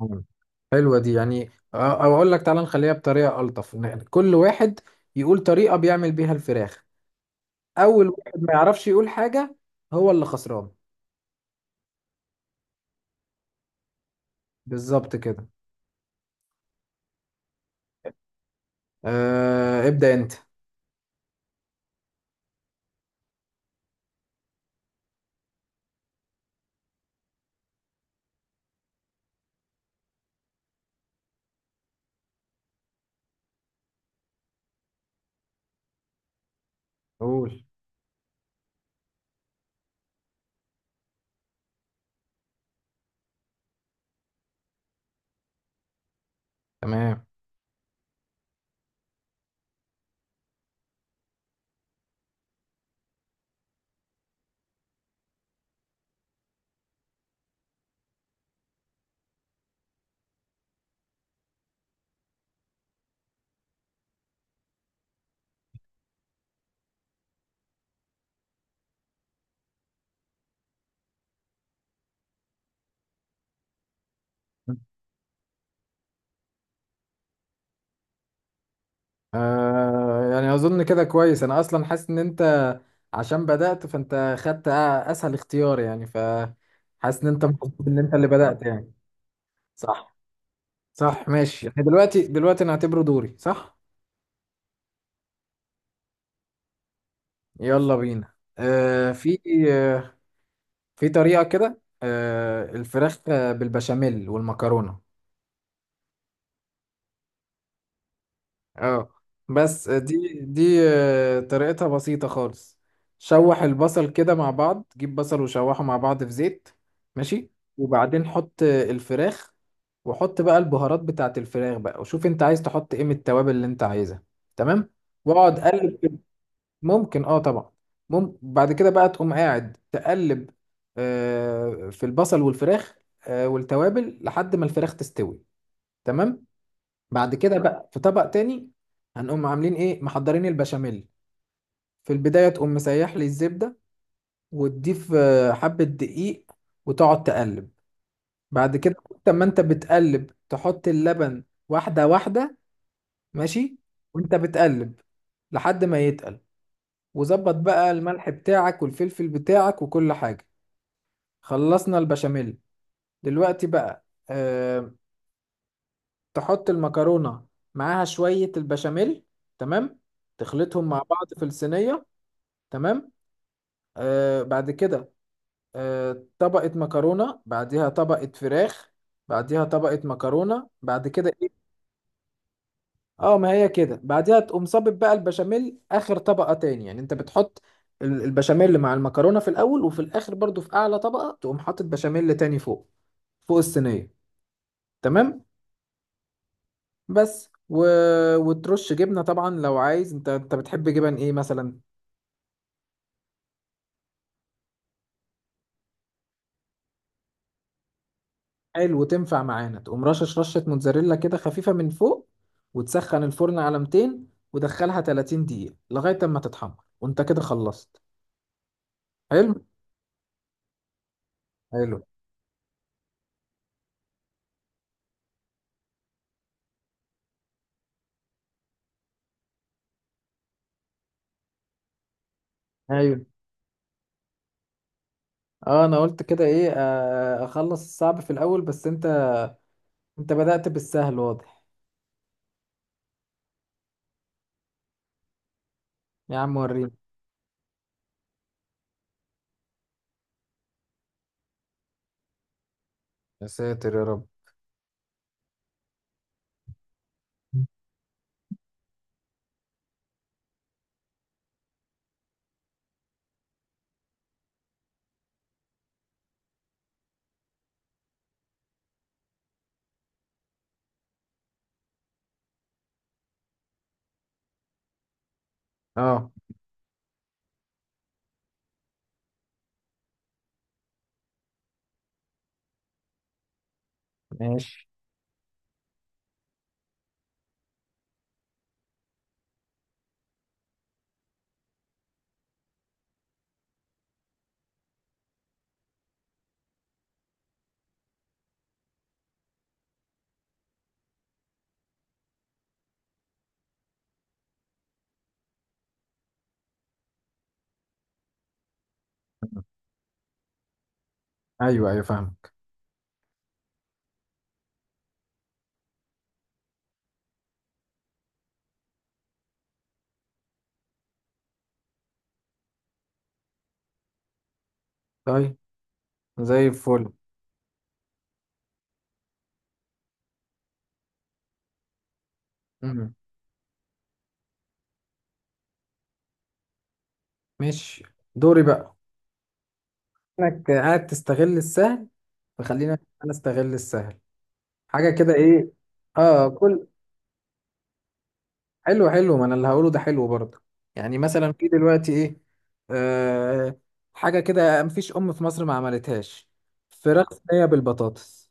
مم. حلوة دي يعني او اقول لك تعالى نخليها بطريقة ألطف إن كل واحد يقول طريقة بيعمل بيها الفراخ. اول واحد ما يعرفش يقول حاجة هو اللي خسران. بالظبط كده. آه، ابدأ انت. قول. تمام. آه يعني اظن كده كويس، انا اصلا حاسس ان انت عشان بدأت فانت خدت اسهل اختيار، يعني فحاسس ان انت مبسوط ان انت اللي بدأت يعني. صح. صح، ماشي يعني دلوقتي نعتبره دوري، صح؟ يلا بينا. آه في طريقة كده آه الفراخ بالبشاميل والمكرونة. اه. بس دي طريقتها بسيطة خالص. شوح البصل كده مع بعض، جيب بصل وشوحه مع بعض في زيت. ماشي. وبعدين حط الفراخ، وحط بقى البهارات بتاعت الفراخ بقى، وشوف انت عايز تحط ايه من التوابل اللي انت عايزها. تمام. واقعد قلب. ممكن اه، طبعا. ممكن بعد كده بقى تقوم قاعد تقلب في البصل والفراخ والتوابل لحد ما الفراخ تستوي. تمام. بعد كده بقى في طبق تاني هنقوم عاملين ايه، محضرين البشاميل. في البداية تقوم مسيح لي الزبدة وتضيف حبة دقيق وتقعد تقلب. بعد كده وقت ما انت بتقلب تحط اللبن واحدة واحدة. ماشي. وانت بتقلب لحد ما يتقل، وظبط بقى الملح بتاعك والفلفل بتاعك وكل حاجة. خلصنا البشاميل. دلوقتي بقى أه تحط المكرونة معاها شوية البشاميل. تمام. تخلطهم مع بعض في الصينية. تمام. أه بعد كده أه طبقة مكرونة بعديها طبقة فراخ بعديها طبقة مكرونة، بعد كده إيه؟ اه ما هي كده، بعديها تقوم صابب بقى البشاميل اخر طبقة تاني، يعني انت بتحط البشاميل مع المكرونة في الاول، وفي الاخر برضو في اعلى طبقة تقوم حاطط بشاميل تاني فوق الصينية. تمام. بس و... وترش جبنة طبعا لو عايز. انت بتحب جبن ايه مثلا؟ حلو، وتنفع معانا. تقوم رشش رشة موتزاريلا كده خفيفة من فوق، وتسخن الفرن على 200، ودخلها 30 دقيقة لغاية اما تتحمر، وانت كده خلصت. حلو. حلو. ايوه. اه انا قلت كده ايه اخلص الصعب في الاول، بس انت انت بدأت بالسهل واضح. يا عم وريني. يا ساتر يا رب. اه. ماشي. ايوه ايوه فاهمك. طيب. زي الفل. مم. ماشي. دوري بقى انك قاعد تستغل السهل، فخلينا انا استغل السهل حاجه كده ايه. اه كل حلو. حلو، ما انا اللي هقوله ده حلو برضه. يعني مثلا في دلوقتي ايه آه حاجه كده مفيش ام في مصر ما عملتهاش: فراخ صينيه بالبطاطس.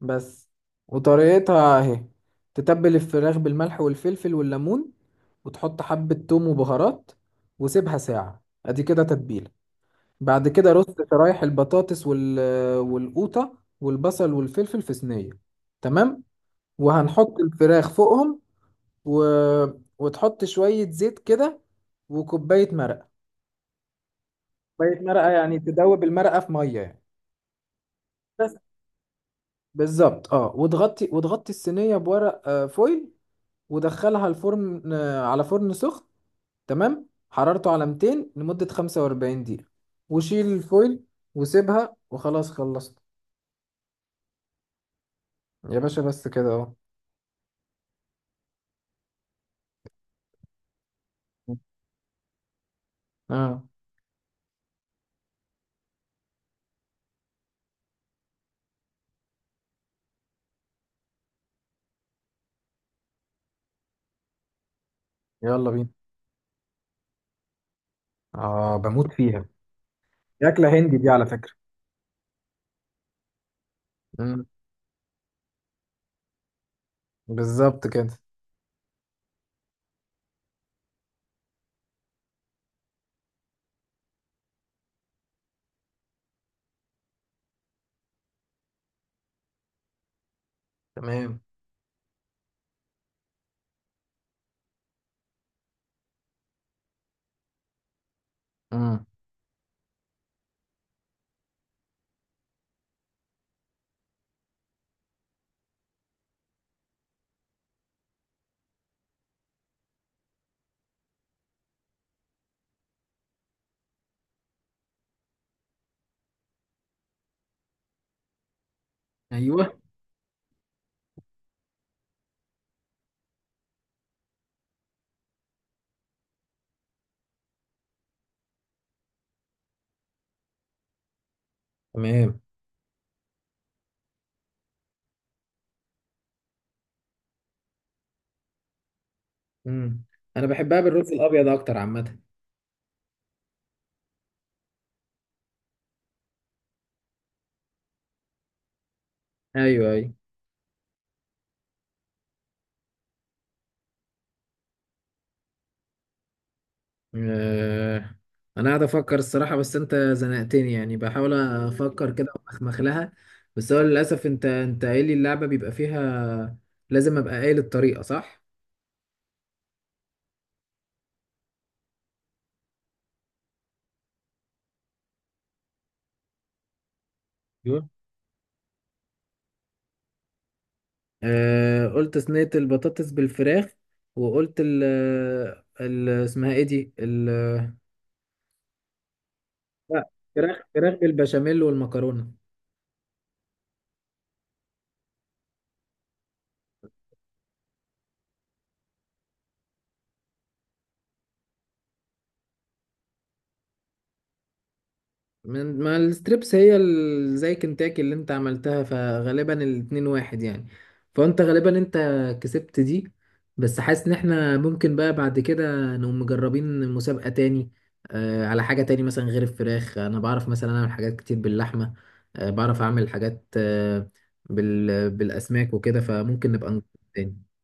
بس. وطريقتها اهي: تتبل الفراخ بالملح والفلفل والليمون، وتحط حبة توم وبهارات، وسيبها ساعة ادي كده تتبيلة. بعد كده رص شرايح البطاطس وال... والقوطة والبصل والفلفل في صينية. تمام. وهنحط الفراخ فوقهم و... وتحط شوية زيت كده، وكوباية مرقة. كوباية مرقة، يعني تدوب المرقة في مية يعني. بس. بالظبط اه، وتغطي الصينية بورق فويل، ودخلها الفرن على فرن سخن. تمام، حرارته على 200 لمدة 45 دقيقة، وشيل الفويل وسيبها وخلاص خلصت. يا باشا بس كده اهو. اه. يلا بينا. اه بموت فيها. دي أكلة هندي دي على فكرة. امم. بالظبط كده. تمام. امم. ايوه. تمام. امم. انا بحبها بالرز الابيض اكتر عامة. ايوه ايوه. آه، انا قاعد افكر الصراحه، بس انت زنقتني يعني، بحاول افكر كده وأخمخ لها. بس هو للاسف انت قايل لي اللعبه بيبقى فيها لازم ابقى قايل الطريقه صح. ايوه. آه قلت صينيه البطاطس بالفراخ، وقلت ال ال اسمها ايه دي ال... لا، فراخ بالبشاميل والمكرونه. من ما الستريبس هي زي كنتاكي اللي انت عملتها، فغالبا الاتنين واحد يعني، فانت غالبا انت كسبت دي. بس حاسس ان احنا ممكن بقى بعد كده نقوم مجربين مسابقة تاني، آه، على حاجة تاني مثلا غير الفراخ. انا بعرف مثلا اعمل حاجات كتير باللحمة، آه بعرف اعمل حاجات آه بالاسماك وكده، فممكن نبقى نجرب تاني.